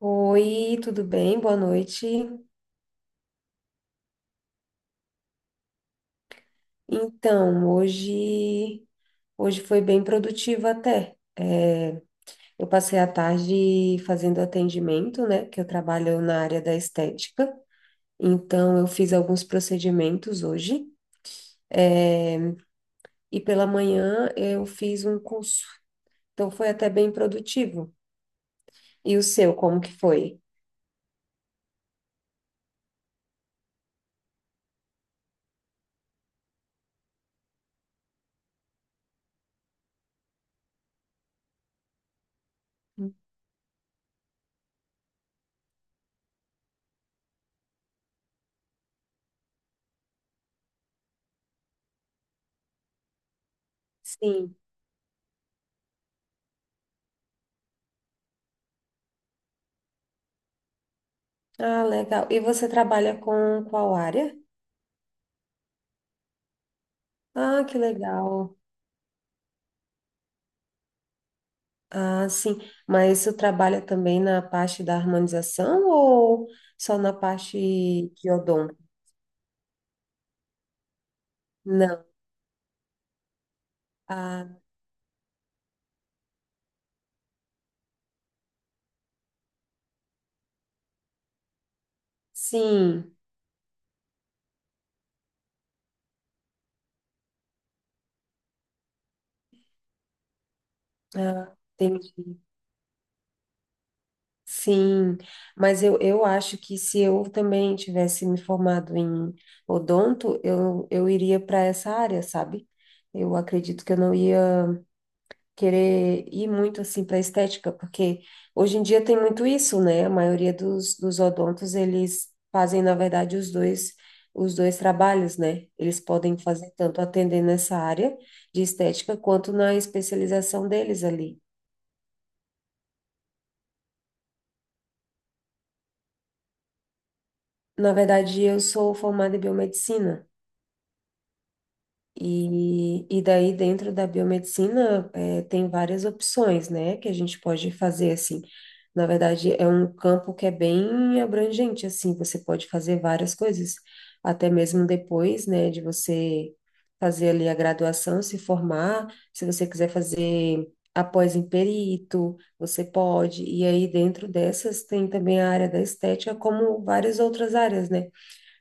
Oi, tudo bem? Boa noite. Então, hoje, hoje foi bem produtivo até. Eu passei a tarde fazendo atendimento, né? Que eu trabalho na área da estética. Então, eu fiz alguns procedimentos hoje. É, E pela manhã eu fiz um curso. Então, foi até bem produtivo. E o seu, como que foi? Sim. Ah, legal. E você trabalha com qual área? Ah, que legal. Ah, sim. Mas você trabalha também na parte da harmonização ou só na parte de odonto? Não. Ah, sim. Ah, entendi. Sim. Mas eu acho que se eu também tivesse me formado em odonto, eu iria para essa área, sabe? Eu acredito que eu não ia querer ir muito assim para estética, porque hoje em dia tem muito isso, né? A maioria dos odontos, eles fazem, na verdade, os dois trabalhos, né? Eles podem fazer tanto atender nessa área de estética quanto na especialização deles ali. Na verdade, eu sou formada em biomedicina. E daí, dentro da biomedicina, tem várias opções, né, que a gente pode fazer, assim. Na verdade, é um campo que é bem abrangente, assim, você pode fazer várias coisas, até mesmo depois, né, de você fazer ali a graduação, se formar, se você quiser fazer após em perito, você pode. E aí, dentro dessas, tem também a área da estética, como várias outras áreas, né?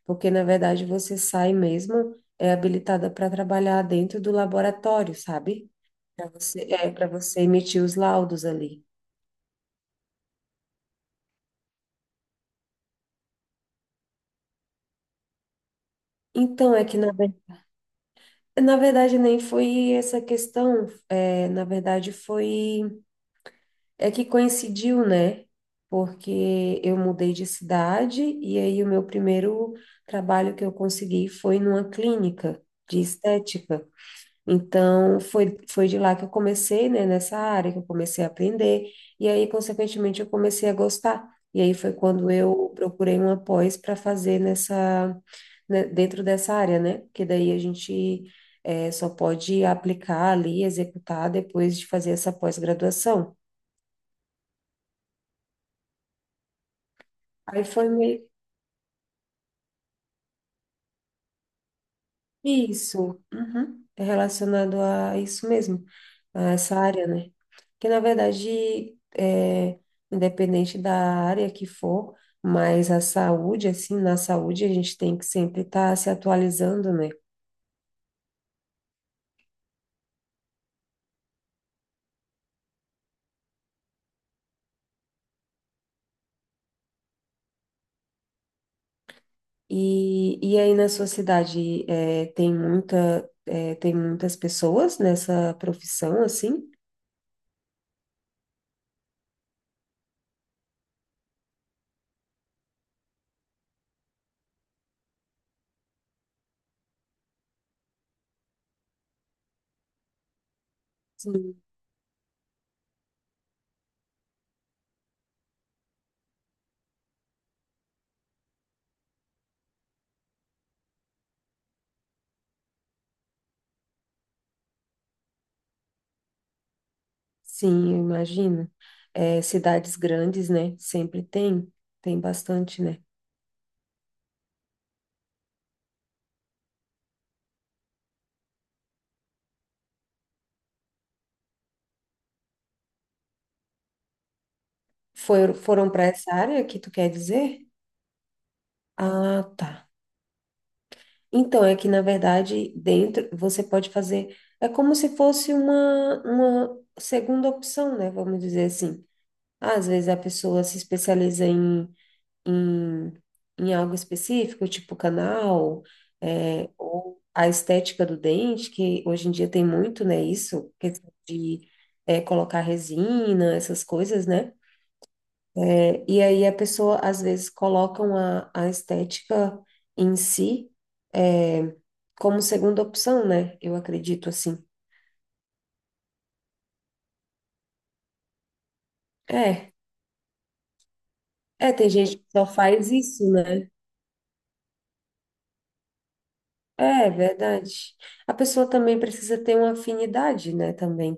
Porque na verdade você sai mesmo é habilitada para trabalhar dentro do laboratório, sabe? Para você, é, para você emitir os laudos ali. Então, é que na, na verdade nem foi essa questão, é, na verdade foi, é que coincidiu, né? Porque eu mudei de cidade e aí o meu primeiro trabalho que eu consegui foi numa clínica de estética. Então, foi, foi de lá que eu comecei, né, nessa área, que eu comecei a aprender, e aí, consequentemente, eu comecei a gostar. E aí foi quando eu procurei uma pós para fazer nessa, né, dentro dessa área, né? Porque daí a gente só pode aplicar ali, executar depois de fazer essa pós-graduação. Aí foi meio isso, uhum, é relacionado a isso mesmo, a essa área, né? Que na verdade, é, independente da área que for, mas a saúde, assim, na saúde a gente tem que sempre estar se atualizando, né? E aí na sua cidade é, tem muita, é, tem muitas pessoas nessa profissão, assim? Sim. Sim, eu imagino. É, cidades grandes, né? Sempre tem, tem bastante, né? Foram, foram para essa área que tu quer dizer? Ah, tá. Então, é que na verdade, dentro você pode fazer. É como se fosse uma segunda opção, né? Vamos dizer assim. Às vezes a pessoa se especializa em, em algo específico, tipo canal, é, ou a estética do dente, que hoje em dia tem muito, né? Isso, questão de é, colocar resina, essas coisas, né? É, e aí a pessoa, às vezes, colocam a estética em si é, como segunda opção, né? Eu acredito assim. É, é, tem gente que só faz isso, né? É, verdade. A pessoa também precisa ter uma afinidade, né? Também.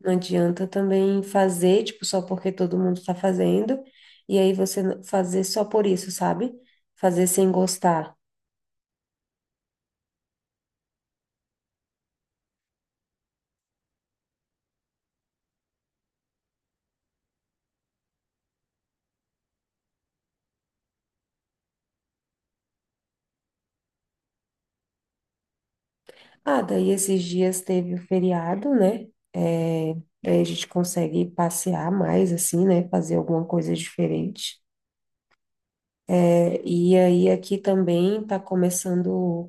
Não adianta também fazer, tipo, só porque todo mundo está fazendo, e aí você fazer só por isso, sabe? Fazer sem gostar. Ah, daí esses dias teve o feriado, né? É, daí a gente consegue passear mais, assim, né? Fazer alguma coisa diferente. É, e aí aqui também tá começando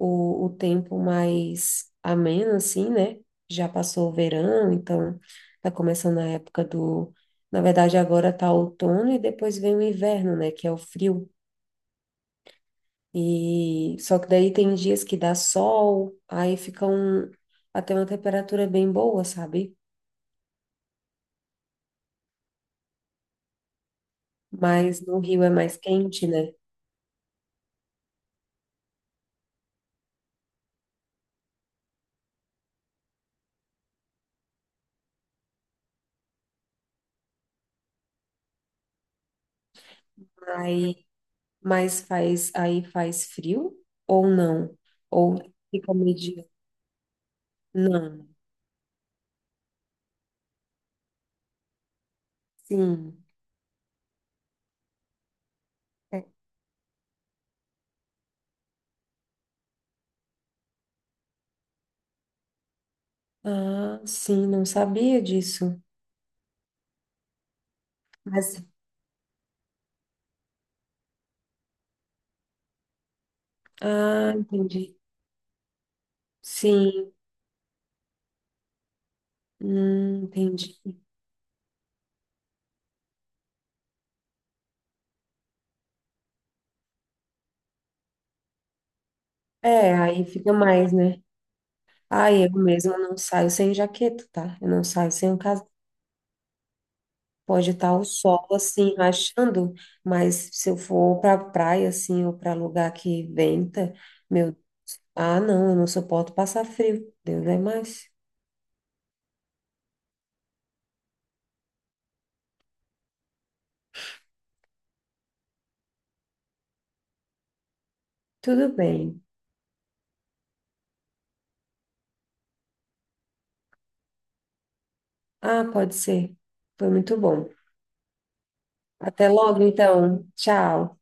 o tempo mais ameno, assim, né? Já passou o verão, então tá começando a época do... Na verdade, agora tá outono e depois vem o inverno, né? Que é o frio. E só que daí tem dias que dá sol, aí fica um... até uma temperatura bem boa, sabe? Mas no Rio é mais quente, né? Aí, mas faz, aí faz frio ou não? Ou fica mediano? Não. Sim. É. Ah, sim, não sabia disso. Mas, ah, entendi. Sim, entendi. É, aí fica mais, né? Ah, eu mesmo não saio sem jaqueta, tá? Eu não saio sem um casaco. Pode estar o sol assim rachando, mas se eu for para praia assim ou para lugar que venta, meu Ah, não, eu não suporto passar frio. Deus é mais. Tudo bem. Ah, pode ser. Foi muito bom. Até logo, então. Tchau.